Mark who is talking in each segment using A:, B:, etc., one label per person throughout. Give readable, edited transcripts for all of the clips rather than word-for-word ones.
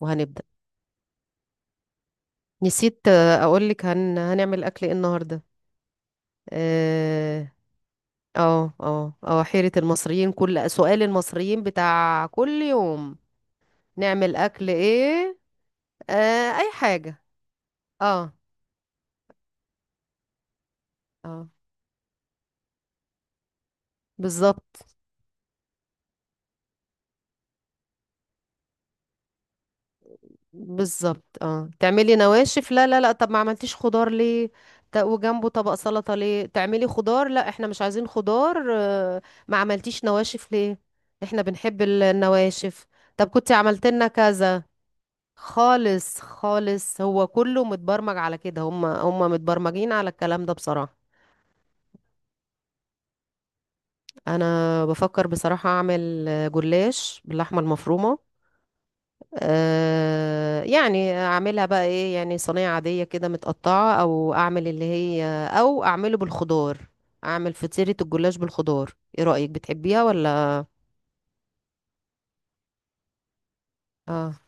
A: وهنبدأ. نسيت، أقولك هنعمل أكل إيه النهاردة؟ اه، اه، اه. حيرة المصريين، كل سؤال المصريين بتاع كل يوم. نعمل أكل إيه؟ آه، أي حاجة. اه، اه، بالظبط. بالظبط، اه، تعملي نواشف، لا لا لا، طب ما عملتيش خضار ليه؟ وجنبه طبق سلطة ليه؟ تعملي خضار، لا احنا مش عايزين خضار. ما عملتيش نواشف ليه؟ احنا بنحب النواشف. طب كنت عملت لنا كذا. خالص خالص، هو كله متبرمج على كده، هم متبرمجين على الكلام ده بصراحة. انا بفكر بصراحة اعمل جلاش باللحمة المفرومة. يعني اعملها بقى ايه، يعني صينية عادية كده متقطعة، او اعمل اللي هي، او اعمله بالخضار. اعمل فطيرة الجلاش بالخضار، ايه رأيك، بتحبيها ولا؟ اه،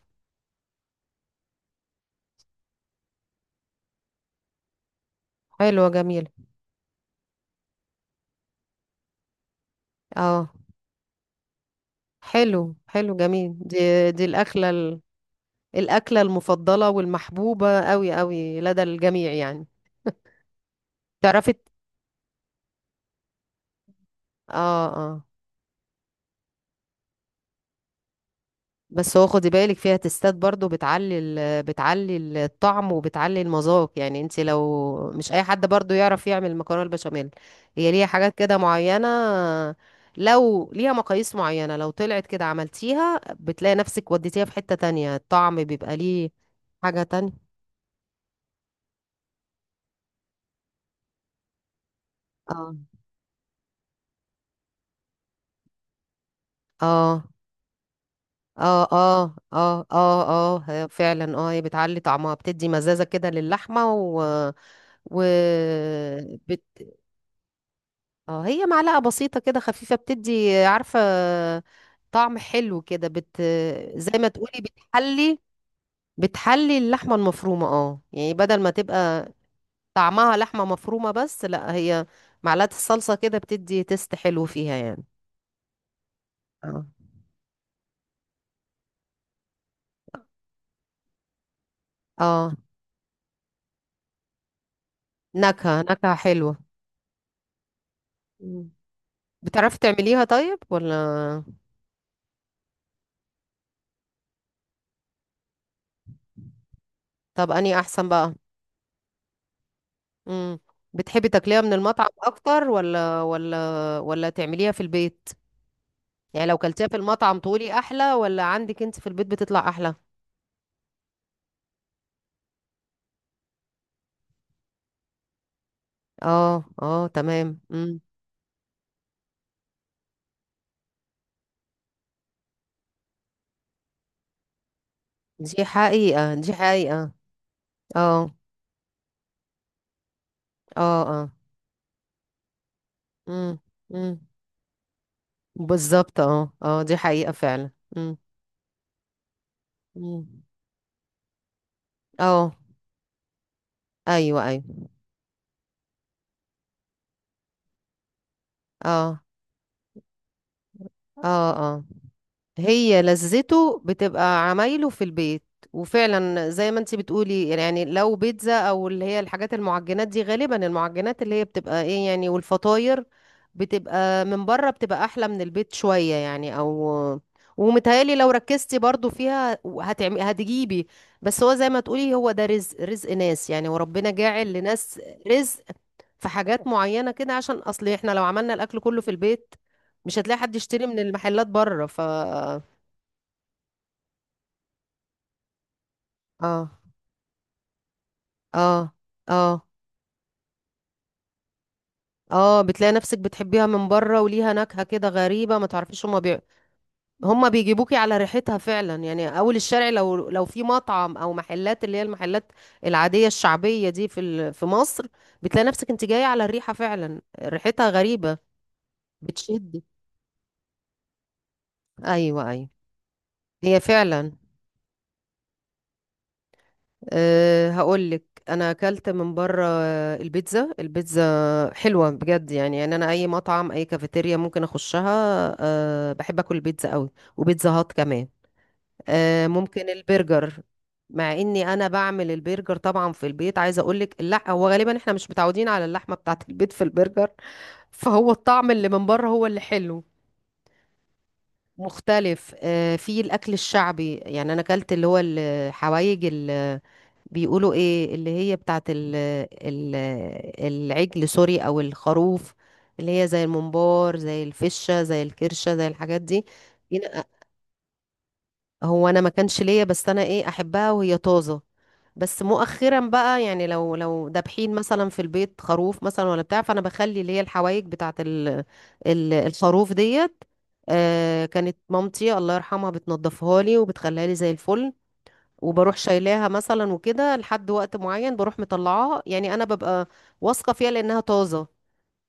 A: حلوة جميلة. اه، حلو حلو جميل دي. دي الأكلة المفضلة والمحبوبة قوي قوي لدى الجميع يعني. تعرفي. اه، اه. بس هو خدي بالك فيها تستات، برضو بتعلي الطعم وبتعلي المذاق، يعني انت لو مش اي حد برضو يعرف يعمل مكرونه البشاميل. هي ليها حاجات كده معينه، لو ليها مقاييس معينه، لو طلعت كده عملتيها بتلاقي نفسك وديتيها في حته تانية، الطعم بيبقى ليه حاجه تانية. اه، اه، اه، اه، اه، اه، اه. هي فعلا، اه هي بتعلي طعمها، بتدي مزازة كده للحمة و و بت... اه، هي معلقة بسيطة كده خفيفة، بتدي عارفة طعم حلو كده. زي ما تقولي بتحلي اللحمة المفرومة، اه يعني بدل ما تبقى طعمها لحمة مفرومة بس، لا هي معلقة الصلصة كده بتدي تست حلو فيها يعني. اه، اه، نكهة نكهة حلوة. مم. بتعرفي تعمليها طيب ولا؟ طب اني احسن بقى. امم. بتحبي تاكليها من المطعم اكتر ولا تعمليها في البيت؟ يعني لو كلتيها في المطعم تقولي احلى، ولا عندك انت في البيت بتطلع احلى؟ اه، اه، تمام، امم، دي حقيقة دي حقيقة. اه، اه، اه، امم، امم. بالظبط، اه، اه، دي حقيقة فعلا. امم، امم، اه، ايوه، ايوه، اه، اه، اه. هي لذته بتبقى عمايله في البيت. وفعلا زي ما انتي بتقولي يعني، لو بيتزا او اللي هي الحاجات المعجنات دي، غالبا المعجنات اللي هي بتبقى ايه يعني، والفطاير بتبقى من بره بتبقى احلى من البيت شوية، يعني او ومتهيألي لو ركزتي برضو فيها هتعمي هتجيبي. بس هو زي ما تقولي، هو ده رزق، رزق ناس يعني، وربنا جاعل لناس رزق في حاجات معينة كده، عشان اصل احنا لو عملنا الاكل كله في البيت مش هتلاقي حد يشتري من المحلات بره. اه، اه، اه، اه، بتلاقي نفسك بتحبيها من بره، وليها نكهة كده غريبة ما تعرفيش، هما هما بيجيبوكي على ريحتها فعلا يعني، اول الشارع لو في مطعم او محلات اللي هي المحلات العادية الشعبية دي في مصر، بتلاقي نفسك انت جاية على الريحة فعلا، ريحتها غريبة. بتشدك. ايوه، ايوه. هي فعلا. هقول لك. انا اكلت من بره البيتزا، البيتزا حلوه بجد يعني انا اي مطعم اي كافيتيريا ممكن اخشها. بحب اكل البيتزا قوي، وبيتزا هات كمان. ممكن البرجر. مع اني انا بعمل البرجر طبعا في البيت، عايزه اقول لك، لا هو غالبا احنا مش متعودين على اللحمه بتاعه البيت في البرجر، فهو الطعم اللي من بره هو اللي حلو. مختلف. في الاكل الشعبي يعني، انا اكلت اللي هو الحوايج، بيقولوا ايه، اللي هي بتاعت ال العجل سوري او الخروف، اللي هي زي الممبار، زي الفشة، زي الكرشة، زي الحاجات دي. هنا- هو انا ما كانش ليا، بس انا ايه احبها وهي طازة، بس مؤخرا بقى يعني، لو دابحين مثلا في البيت خروف مثلا ولا بتاع، فانا بخلي اللي هي الحوايج بتاعت ال الخروف ديت. كانت مامتي الله يرحمها بتنضفها لي وبتخليها لي زي الفل، وبروح شايلاها مثلا وكده لحد وقت معين بروح مطلعاها، يعني انا ببقى واثقه فيها لانها طازه،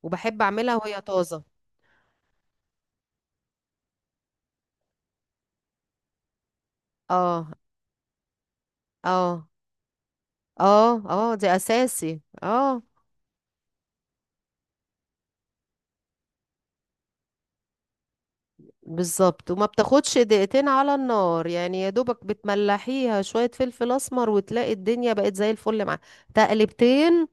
A: وبحب اعملها وهي طازه. اه، اه، اه، اه دي اساسي، اه. بالظبط، وما بتاخدش دقيقتين على النار، يعني يا دوبك بتملحيها شويه فلفل اسمر، وتلاقي الدنيا بقت زي الفل معاها. تقلبتين.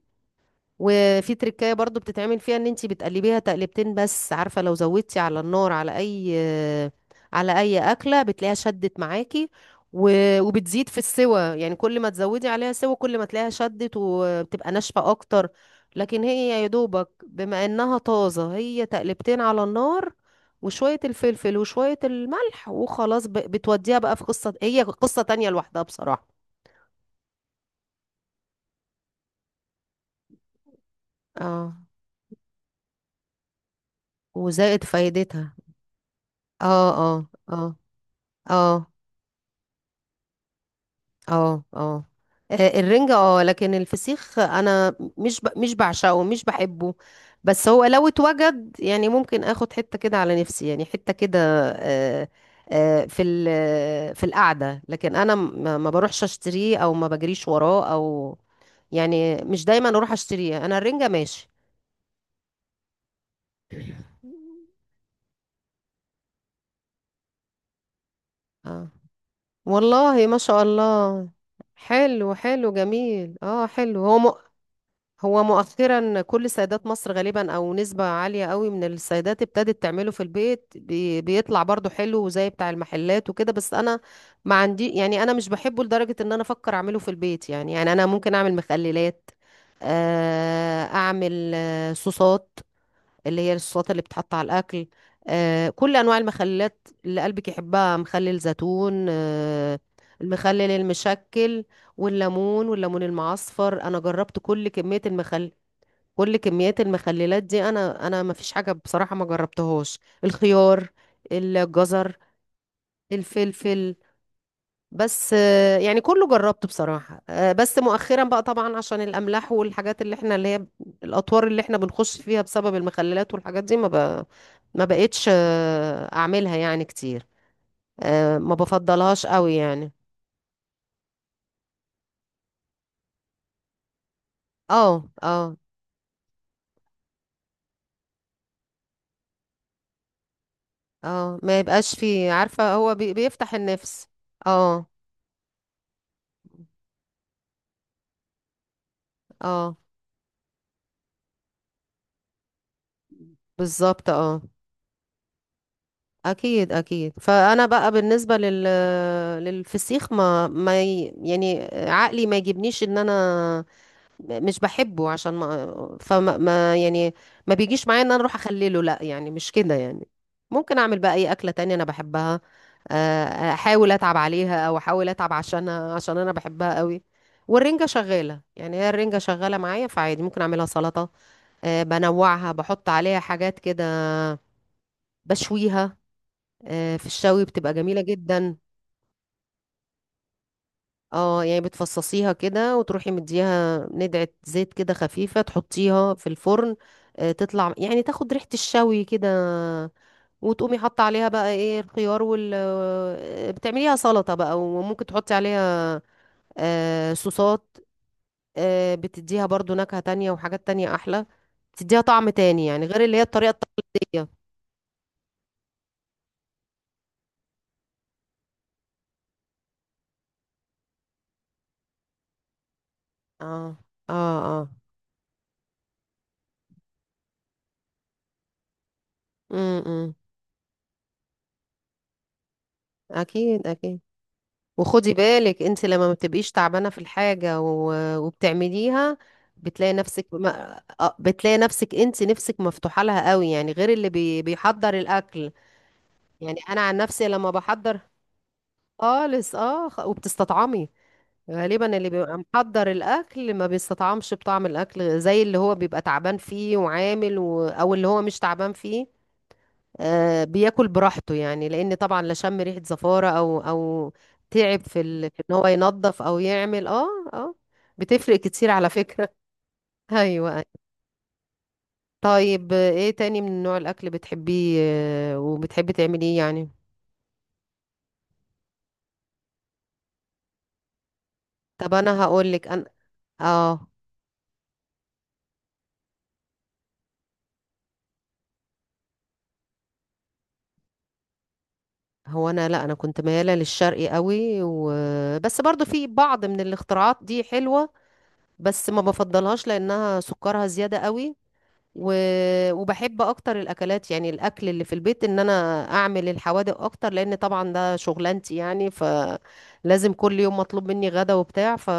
A: وفي تركاية برضو بتتعمل فيها، ان انتي بتقلبيها تقلبتين، بس عارفة لو زودتي على النار على اي اكلة بتلاقيها شدت معاكي، و- وبتزيد في السوى، يعني كل ما تزودي عليها سوى كل ما تلاقيها شدت وبتبقى ناشفة اكتر. لكن هي يا دوبك بما انها طازة، هي تقلبتين على النار وشوية الفلفل وشوية الملح وخلاص، بتوديها بقى في قصة، هي قصة تانية لوحدها بصراحة. اه، وزائد فايدتها، اه، اه، اه، اه، اه، اه. الرنجة اه، لكن الفسيخ انا مش بعشقه، مش بحبه. بس هو لو اتوجد يعني ممكن اخد حتة كده على نفسي يعني، حتة كده. آه، في القعدة، لكن انا ما بروحش اشتريه او ما بجريش وراه، او يعني مش دايما اروح اشتريه. انا الرنجة ماشي. اه، والله ما شاء الله. حلو حلو جميل، اه حلو، هو هو مؤخرا كل سيدات مصر غالبا، او نسبة عالية قوي من السيدات ابتدت تعمله في البيت، بيطلع برضو حلو زي بتاع المحلات وكده، بس انا ما عندي، يعني انا مش بحبه لدرجة ان انا افكر اعمله في البيت يعني انا ممكن اعمل مخللات، اعمل صوصات، اللي هي الصوصات اللي بتتحط على الأكل. كل أنواع المخللات اللي قلبك يحبها، مخلل زيتون، المخلل المشكل، والليمون والليمون المعصفر، أنا جربت كل كمية كل كميات المخللات دي، أنا ما فيش حاجة بصراحة ما جربتهاش، الخيار، الجزر، الفلفل. بس يعني كله جربته بصراحة، بس مؤخرا بقى طبعا عشان الأملاح والحاجات اللي احنا اللي هي الأطوار اللي احنا بنخش فيها بسبب المخللات والحاجات دي، ما بقتش أعملها يعني كتير، ما بفضلهاش قوي يعني. اه، اه، اه، ما يبقاش في، عارفة هو بيفتح النفس. اه، اه، بالظبط، اه. اكيد اكيد، فانا بقى بالنسبه للفسيخ، ما ما ي- يعني عقلي ما يجيبنيش ان انا مش بحبه، عشان ما فما ما يعني ما بيجيش معايا ان انا اروح اخلله، لا يعني مش كده يعني. ممكن اعمل بقى اي اكله تانية انا بحبها، آه، احاول اتعب عليها او احاول اتعب عشانها عشان انا بحبها قوي. والرنجه شغاله يعني، هي الرنجه شغاله معايا، فعادي ممكن اعملها سلطه، بنوعها، بحط عليها حاجات كده. بشويها، في الشوي بتبقى جميله جدا. اه، يعني بتفصصيها كده وتروحي مديها ندعة زيت كده خفيفة، تحطيها في الفرن، تطلع يعني تاخد ريحة الشوي كده، وتقومي حاطة عليها بقى ايه، الخيار وال آه، بتعمليها سلطة بقى، وممكن تحطي عليها صوصات، بتديها برضو نكهة تانية وحاجات تانية أحلى، بتديها طعم تاني يعني، غير اللي هي الطريقة التقليدية. اه، اه، اه، امم، إمم. اكيد اكيد، وخدي بالك انت لما ما بتبقيش تعبانه في الحاجه و- وبتعمليها، بتلاقي نفسك ما آه، بتلاقي نفسك انت نفسك مفتوحه لها قوي يعني، غير اللي بيحضر الاكل. يعني انا عن نفسي لما بحضر خالص، اه، وبتستطعمي. غالبا اللي بيبقى محضر الاكل ما بيستطعمش بطعم الاكل زي اللي هو بيبقى تعبان فيه وعامل او اللي هو مش تعبان فيه، بياكل براحته يعني، لان طبعا لا شم ريحه زفاره او تعب في ان هو ينظف او يعمل، اه. اه، بتفرق كتير على فكره. ايوه، أيوة. طيب، ايه تاني من نوع الاكل بتحبيه وبتحبي تعمليه يعني؟ طب انا هقول لك. انا، اه، هو انا، لا انا كنت مياله للشرقي قوي وبس، برضو في بعض من الاختراعات دي حلوه، بس ما بفضلهاش لانها سكرها زياده قوي، و... وبحب اكتر الاكلات يعني الاكل اللي في البيت، ان انا اعمل الحوادق اكتر، لان طبعا ده شغلانتي يعني، فلازم كل يوم مطلوب مني غدا وبتاع.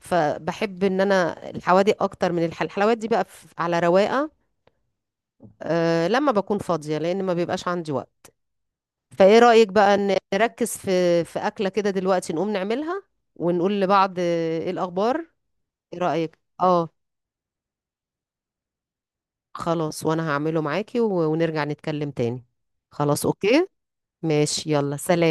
A: فبحب ان انا الحوادق اكتر من الحلويات دي بقى على رواقه، لما بكون فاضيه لان ما بيبقاش عندي وقت. فايه رايك بقى نركز في اكله كده دلوقتي نقوم نعملها، ونقول لبعض ايه الاخبار؟ ايه رايك؟ اه، خلاص وانا هعمله معاكي و- ونرجع نتكلم تاني. خلاص، اوكي، ماشي، يلا، سلام.